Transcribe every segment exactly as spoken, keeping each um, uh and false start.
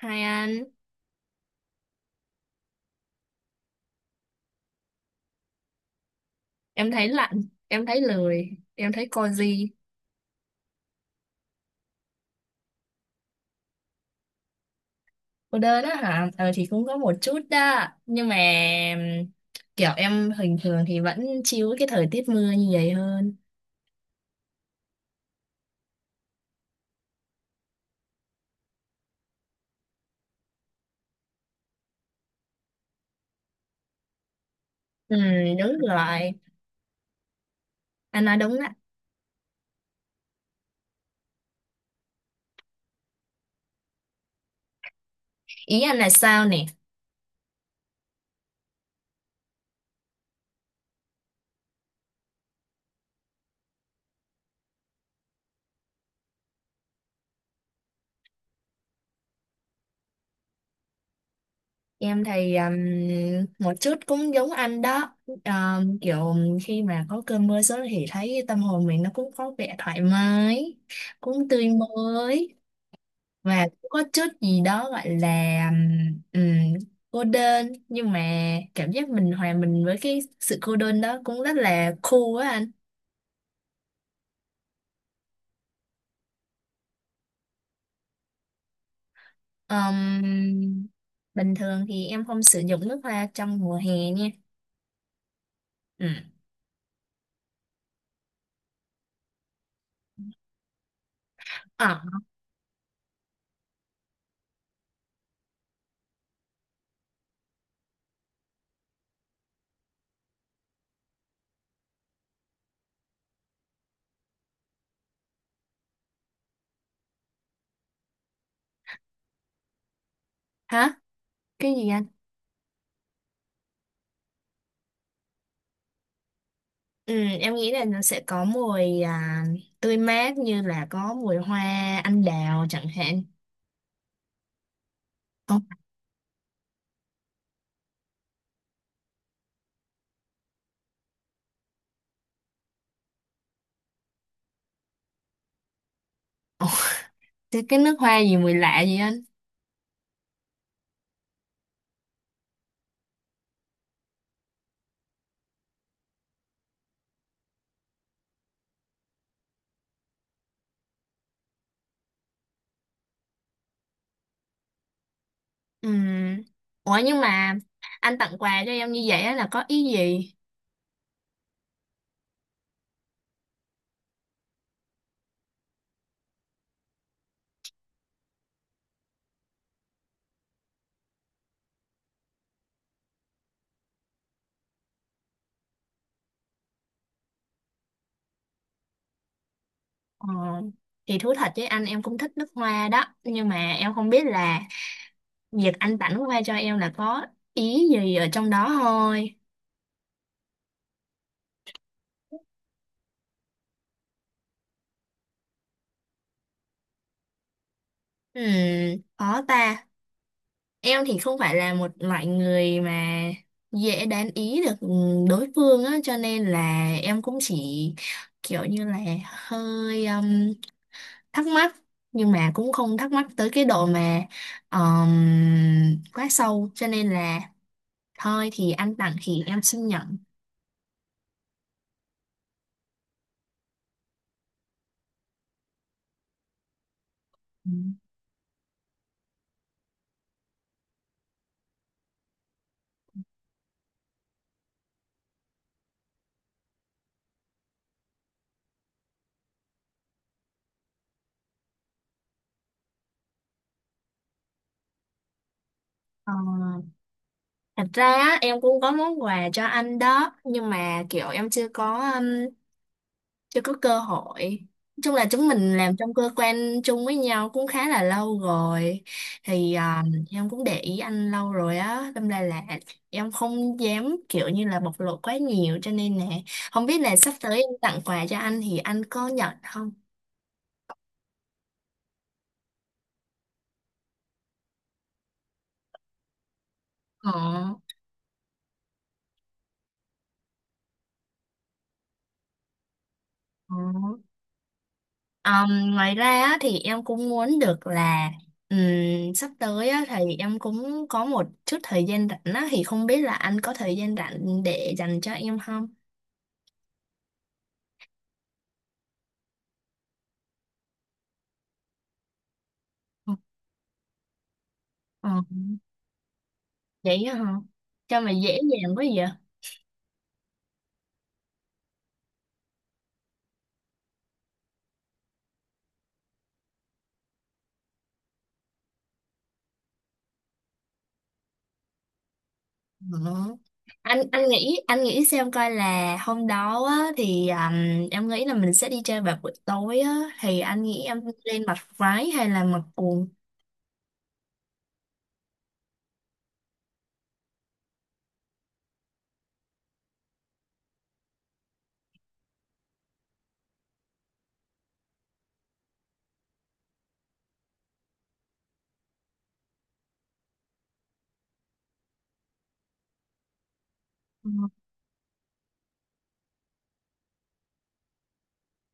Hai anh, em thấy lạnh, em thấy lười, em thấy cozy. Cô đơn á hả? Ờ thì cũng có một chút đó. Nhưng mà ừm, kiểu em bình thường thì vẫn chill cái thời tiết mưa như vậy hơn. Ừ, đúng rồi. Anh nói đúng á. Ý anh là sao nè? Em thì ừm, một chút cũng giống anh đó. Ờm, kiểu khi mà có cơn mưa xuống thì thấy tâm hồn mình nó cũng có vẻ thoải mái, cũng tươi mới. Và cũng có chút gì đó gọi là ừm, cô đơn nhưng mà cảm giác mình hòa mình với cái sự cô đơn đó cũng rất là cool á anh. Ừm, Bình thường thì em không sử dụng nước hoa trong mùa hè nha. Ừ. À, hả? Cái gì anh? Ừ, em nghĩ là nó sẽ có mùi à, tươi mát như là có mùi hoa anh đào chẳng hạn. Không. Ồ, thế cái nước hoa gì mùi lạ vậy anh? Ừ. Ủa nhưng mà anh tặng quà cho em như vậy á là có ý gì? Ờ, thì thú thật với anh em cũng thích nước hoa đó nhưng mà em không biết là việc anh tặng nước hoa cho em là có ý gì ở trong đó thôi. Ừ, khó ta. Em thì không phải là một loại người mà dễ đoán ý được ừ, đối phương á cho nên là em cũng chỉ kiểu như là hơi thắc mắc nhưng mà cũng không thắc mắc tới cái độ mà ờm, quá sâu cho nên là thôi thì anh tặng thì em xin nhận. Ừ. Ờ, thật ra á, em cũng có món quà cho anh đó nhưng mà kiểu em chưa có chưa có cơ hội. Nói chung là chúng mình làm trong cơ quan chung với nhau cũng khá là lâu rồi thì à, em cũng để ý anh lâu rồi á, đâm ra là em không dám kiểu như là bộc lộ quá nhiều cho nên nè, không biết là sắp tới em tặng quà cho anh thì anh có nhận không? Ờ, ờ. Ờm, ngoài ra á, thì em cũng muốn được là ừm, sắp tới á, thì em cũng có một chút thời gian rảnh á, thì không biết là anh có thời gian rảnh để dành cho em không? Ờ. Vậy á hả? Sao mà dễ dàng quá vậy? Ờ. anh anh nghĩ, anh nghĩ xem coi là hôm đó á, thì um, em nghĩ là mình sẽ đi chơi vào buổi tối á, thì anh nghĩ em lên mặc váy hay là mặc quần? Ừ.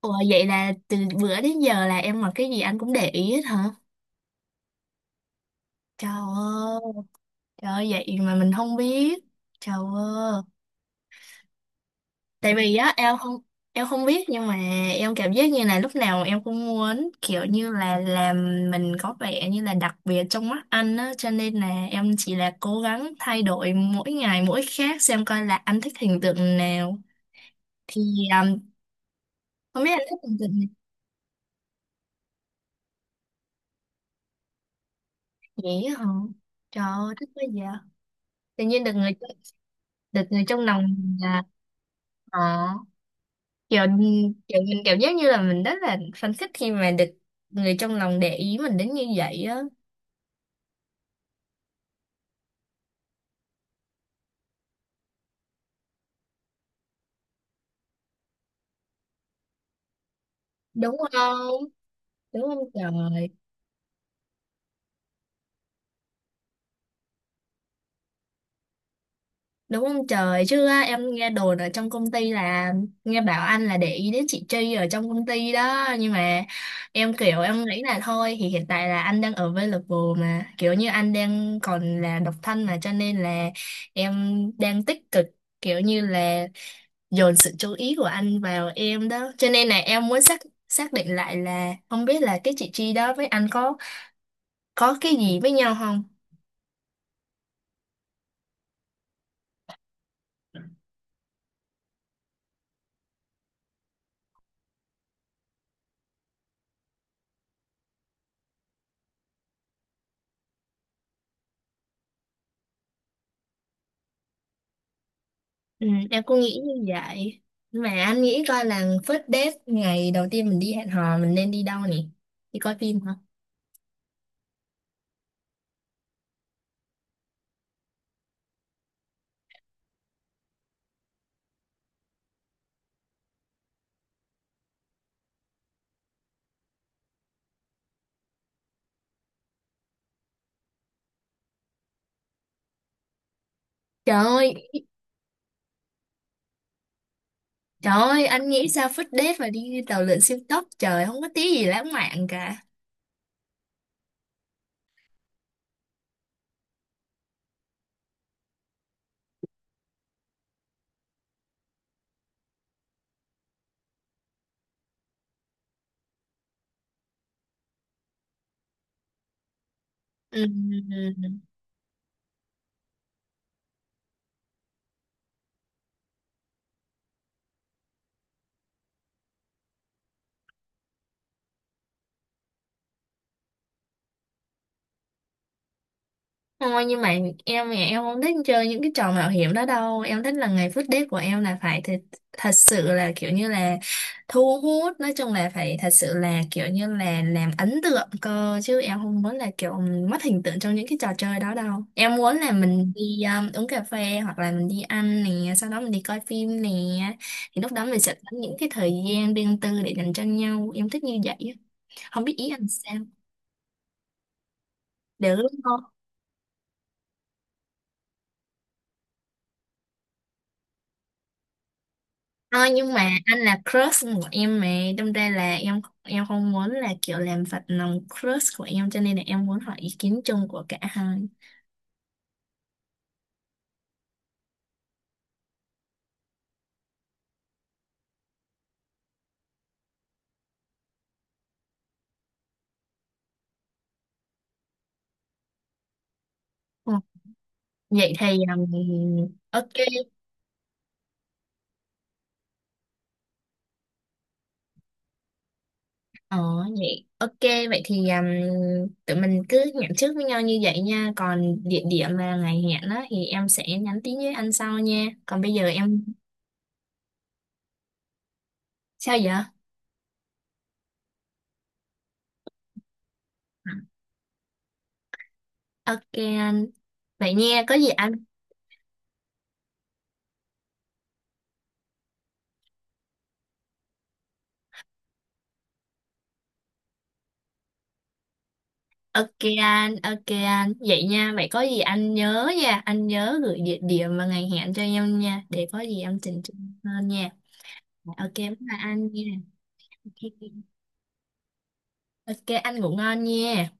Ủa vậy là từ bữa đến giờ là em mặc cái gì anh cũng để ý hết hả? Trời ơi, trời ơi, vậy mà mình không biết. Trời ơi, tại vì á em không, em không biết nhưng mà em cảm giác như là lúc nào em cũng muốn kiểu như là làm mình có vẻ như là đặc biệt trong mắt anh á cho nên là em chỉ là cố gắng thay đổi mỗi ngày mỗi khác xem coi là anh thích hình tượng nào thì um, không biết anh thích hình tượng này. Dễ hả? Trời ơi thích quá vậy! Tự nhiên được người, được người trong lòng mình là ờ, kiểu kiểu mình cảm giác như là mình rất là phấn khích khi mà được người trong lòng để ý mình đến như vậy á. Đúng không? Đúng không trời? Đúng không trời? Chứ á, em nghe đồn ở trong công ty là nghe bảo anh là để ý đến chị Tri ở trong công ty đó nhưng mà em kiểu em nghĩ là thôi thì hiện tại là anh đang available mà kiểu như anh đang còn là độc thân mà cho nên là em đang tích cực kiểu như là dồn sự chú ý của anh vào em đó cho nên là em muốn xác, xác định lại là không biết là cái chị Tri đó với anh có có cái gì với nhau không. Ừ, em cũng nghĩ như vậy. Mà anh nghĩ coi là first date ngày đầu tiên mình đi hẹn hò mình nên đi đâu nhỉ? Đi coi phim hả? Trời ơi, trời ơi, anh nghĩ sao first date mà đi tàu lượn siêu tốc? Trời, không có tí gì lãng mạn cả. Ừ. Ừ, ừ. Thôi nhưng mà em thì em không thích chơi những cái trò mạo hiểm đó đâu. Em thích là ngày first date của em là phải thật, thật sự là kiểu như là thu hút. Nói chung là phải thật sự là kiểu như là làm ấn tượng cơ. Chứ em không muốn là kiểu mất hình tượng trong những cái trò chơi đó đâu. Em muốn là mình đi um, uống cà phê hoặc là mình đi ăn nè. Sau đó mình đi coi phim nè. Thì lúc đó mình sẽ có những cái thời gian riêng tư để dành cho nhau. Em thích như vậy á. Không biết ý anh sao? Được không? Ờ, nhưng mà anh là crush của em mà, đâm ra là em em không muốn là kiểu làm phật lòng crush của em cho nên là em muốn hỏi ý kiến chung của cả hai. Ờ, vậy thì um, ok. Ờ vậy ok, vậy thì um, tụi mình cứ hẹn trước với nhau như vậy nha, còn địa điểm và ngày hẹn đó thì em sẽ nhắn tin với anh sau nha, còn bây giờ em sao vậy? Ờ, ok anh, vậy nha có gì anh. Ok anh, ok anh. Vậy nha, vậy có gì anh nhớ nha, anh nhớ gửi địa điểm và ngày hẹn cho em nha, để có gì em chỉnh chu hơn nha. Ok, bye bye anh nha. Ok, ok, anh ngủ ngon nha.